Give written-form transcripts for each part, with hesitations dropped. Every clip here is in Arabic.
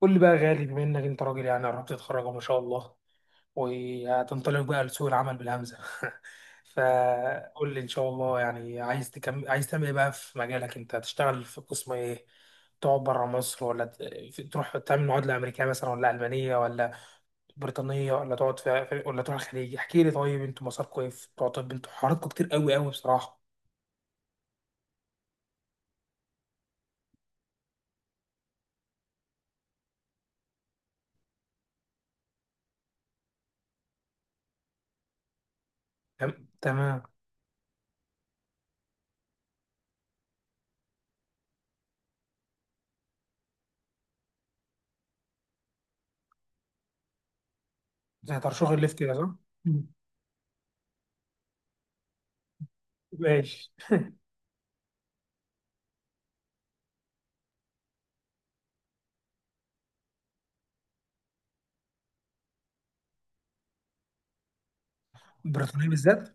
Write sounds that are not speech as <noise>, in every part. قول لي بقى يا غالي، بما انك انت راجل، يعني قربت تتخرج ما شاء الله وهتنطلق بقى لسوق العمل بالهمزه. <laughs> فقول لي ان شاء الله، يعني عايز تكمل، عايز تعمل ايه بقى في مجالك؟ انت هتشتغل في قسم ايه؟ تقعد بره مصر ولا تروح تعمل معادله امريكيه مثلا، ولا المانيه، ولا بريطانيه، ولا تقعد ولا تروح الخليج؟ احكي لي. طيب انتوا مساركم ايه في بتوع طب؟ انتوا حواراتكم كتير قوي قوي بصراحه. تمام تمام. زي ترشيح الليفت كده صح؟ مم. ماشي. بريطانيه بالذات؟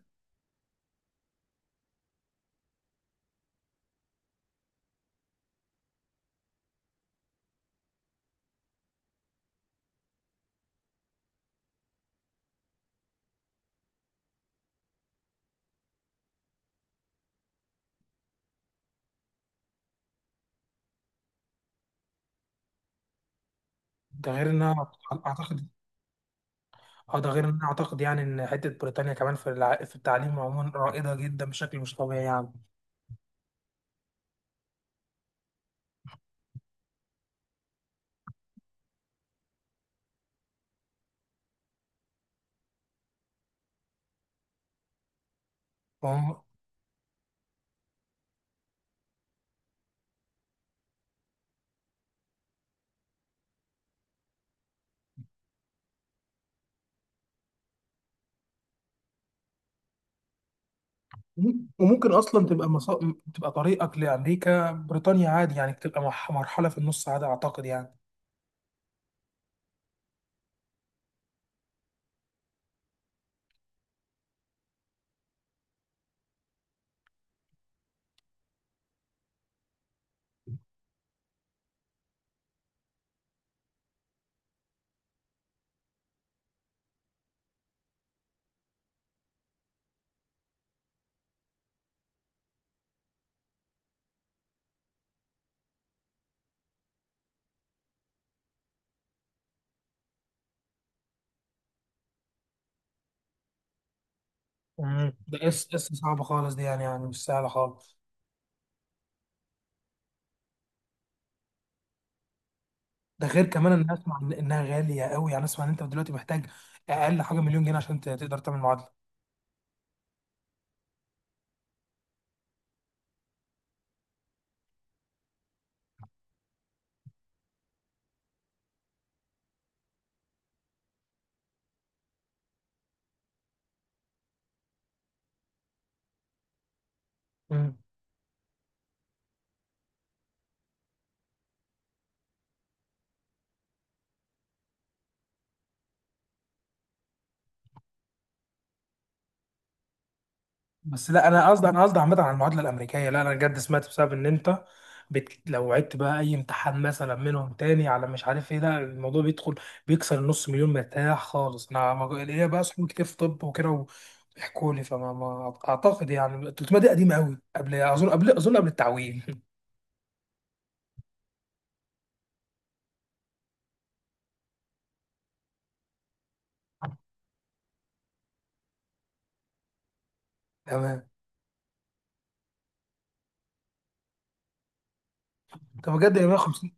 ده غير انها، اعتقد. اه ده غير ان انا اعتقد يعني ان حته بريطانيا كمان في في التعليم عموما رائده جدا بشكل مش طبيعي يعني. وم- وممكن اصلا تبقى تبقى طريقك لامريكا بريطانيا عادي، يعني تبقى مرحله في النص عادي اعتقد يعني. مم. ده اس صعبه خالص دي، يعني يعني مش سهله خالص. ده غير كمان ان اسمع انها غاليه قوي، يعني اسمع ان انت دلوقتي محتاج اقل حاجه مليون جنيه عشان تقدر تعمل معادله. مم. بس لا انا قصدي، انا قصدي عامه على المعادله الامريكيه، لا انا بجد سمعت بسبب ان انت لو عدت بقى اي امتحان مثلا منهم تاني على مش عارف ايه، ده الموضوع بيدخل بيكسر النص مليون مرتاح خالص. انا ليا بقى صحاب كتير في طب وكده ويحكوا لي، فما ما اعتقد يعني 300 دي قديمه قوي، قبل اظن قبل التعويم. <laughs> تمام. طب بجد 150؟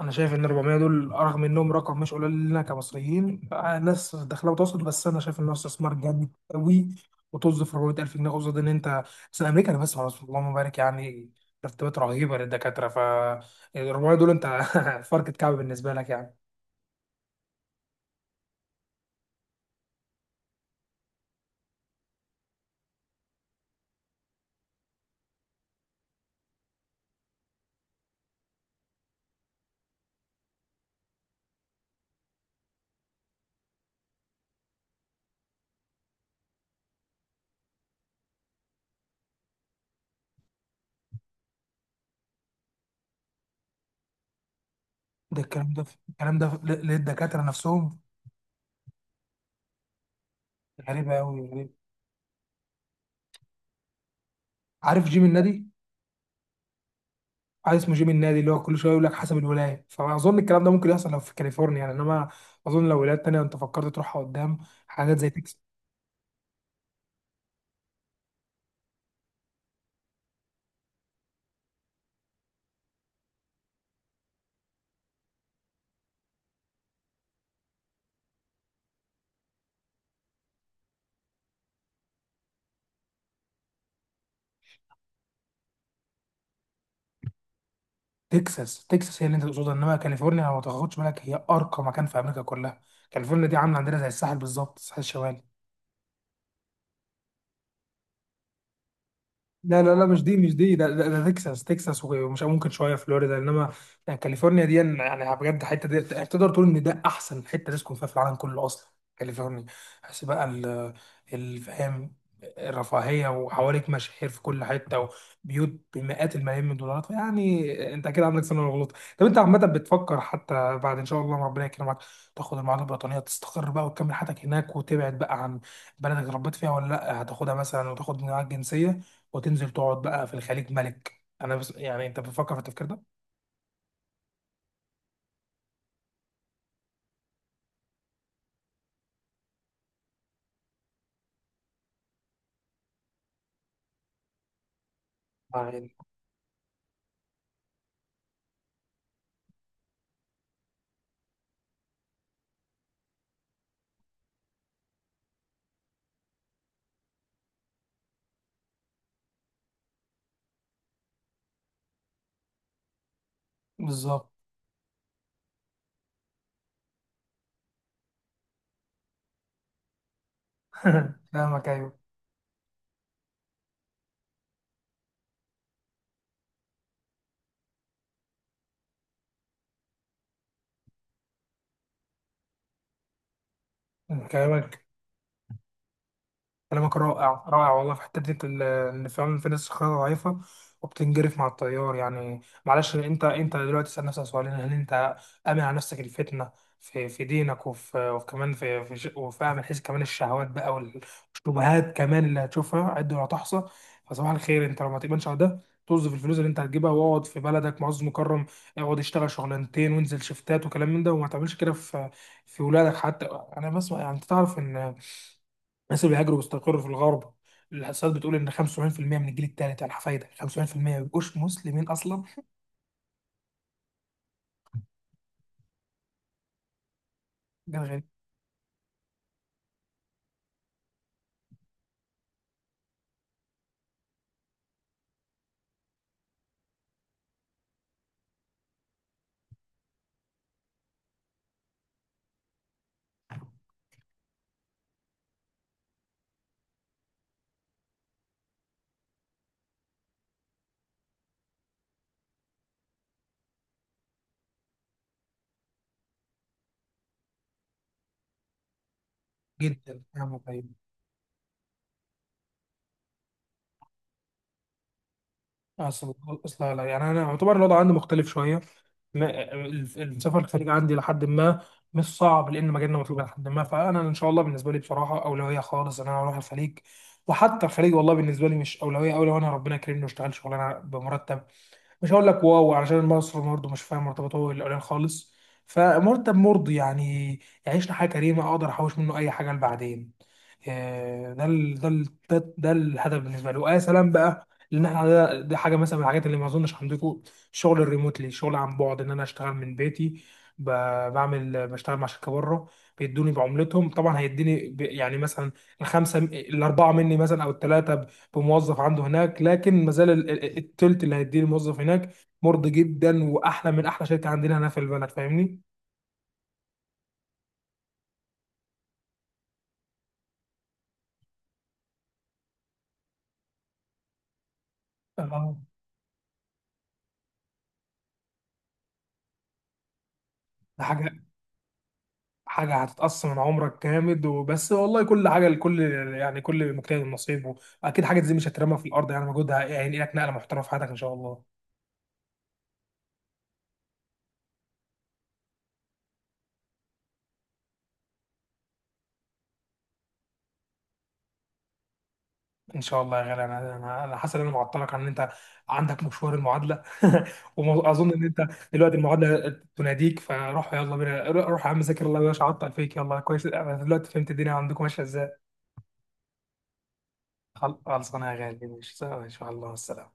انا شايف ان 400 دول، رغم انهم رقم مش قليل لنا كمصريين، ناس دخلها وتوصل، بس انا شايف انه استثمار جامد قوي. وطز في 400000 جنيه قصاد ان انت، بس امريكا انا بسمع، بس اللهم بارك، يعني مرتبات رهيبه للدكاتره، ف 400 دول انت <laughs> فرقة كعب بالنسبه لك يعني. ده الكلام ده، الكلام ده للدكاتره نفسهم؟ غريبه قوي غريب. عارف جيم النادي؟ عايز اسمه جيم النادي، اللي هو كل شويه يقول لك حسب الولايه. فاظن الكلام ده ممكن يحصل لو في كاليفورنيا يعني، انما اظن لو ولايات تانيه انت فكرت تروحها قدام، حاجات زي تكساس. تكساس تكساس هي اللي انت تقصدها، انما كاليفورنيا لو ما تاخدش بالك هي ارقى مكان في امريكا كلها. كاليفورنيا دي عامله عندنا زي الساحل بالظبط، الساحل الشمالي. لا لا لا، مش دي، مش دي، ده تكساس. تكساس ومش ممكن شويه فلوريدا، انما يعني كاليفورنيا دي، يعني بجد الحته دي تقدر تقول ان ده احسن حته تسكن فيها في العالم كله اصلا. كاليفورنيا. بس بقى الفهم، الرفاهيه، وحواليك مشاهير في كل حته، وبيوت بمئات الملايين من الدولارات، يعني انت اكيد عندك سنه غلط. طب انت عامه بتفكر حتى بعد ان شاء الله ما ربنا يكرمك تاخد المعادله البريطانيه تستقر بقى وتكمل حياتك هناك، وتبعد بقى عن بلدك اللي ربيت فيها، ولا لا هتاخدها مثلا وتاخد معاك جنسيه وتنزل تقعد بقى في الخليج ملك؟ انا بس يعني انت بتفكر في التفكير ده؟ آه، يعني. بالظبط. <laughs> فاهمك، ايوه. كلامك، كلامك رائع رائع والله في حتة دي، إن فعلا في ناس خيارها ضعيفة وبتنجرف مع التيار يعني. معلش، أنت دلوقتي تسأل نفسك سؤالين، هل أنت آمن على نفسك الفتنة في دينك، وفي، وكمان في وفاهم من حيث كمان الشهوات بقى والشبهات كمان، اللي هتشوفها عد ولا تحصى. فصباح الخير، أنت لو ما تؤمنش على ده توظف الفلوس اللي أنت هتجيبها واقعد في بلدك معز مكرم. اقعد اشتغل شغلانتين وانزل شفتات وكلام من ده، وما تعملش كده في ولادك حتى. أنا بسمع، يعني أنت تعرف إن الناس اللي بيهاجروا ويستقروا في الغرب، الإحصائيات بتقول إن 75% من الجيل الثالث، يعني حفايدك، 75% ما بيبقوش مسلمين أصلا. <laughs> ده غريب جدا. نعم طيب. أصل، أصلا لا، يعني أنا يعتبر الوضع عندي مختلف شوية، السفر الخارجي عندي لحد ما مش صعب لأن مجالنا مطلوب لحد ما. فأنا إن شاء الله بالنسبة لي بصراحة أولوية خالص إن أنا أروح الخليج. وحتى الخليج والله بالنسبة لي مش أولوية أوي. لو أنا ربنا كرمني واشتغل شغلانة بمرتب مش هقول لك واو، علشان مصر برضه مش فاهم مرتباته الأولاني خالص، فمرتب مرضي يعني، يعيشنا حياة كريمة، أقدر أحوش منه أي حاجة لبعدين، ده الهدف بالنسبة لي. ويا سلام بقى، لأن احنا ده حاجة مثلا من الحاجات اللي ما أظنش عندكم، الشغل الريموتلي، الشغل عن بعد، إن أنا أشتغل من بيتي، بعمل، بشتغل مع شركة بره. بيدوني بعملتهم، طبعا هيديني يعني مثلا الخمسة، الأربعة مني مثلا، أو الثلاثة، بموظف عنده هناك، لكن ما زال التلت اللي هيديه الموظف هناك مرضي جدا واحلى من احلى شركه عندنا هنا في البلد، فاهمني؟ اه. ده حاجه، حاجه هتتقص من عمرك جامد، وبس. والله كل حاجه لكل، يعني كل مجتهد نصيبه. اكيد حاجه زي مش هترمى في الارض، يعني مجهودها هينقلك نقله محترمه في حياتك ان شاء الله. ان شاء الله يا غالي. انا انا أنا حاسس ان انا معطلك عن ان انت عندك مشوار المعادله. <laughs> واظن ان انت دلوقتي المعادله تناديك، فروح، يلا بينا، روح يا عم، ذاكر الله مش عطل فيك. يلا، كويس، انا دلوقتي فهمت الدنيا عندكم ماشيه ازاي. خلصانه يا غالي، مش ان شاء الله. السلام.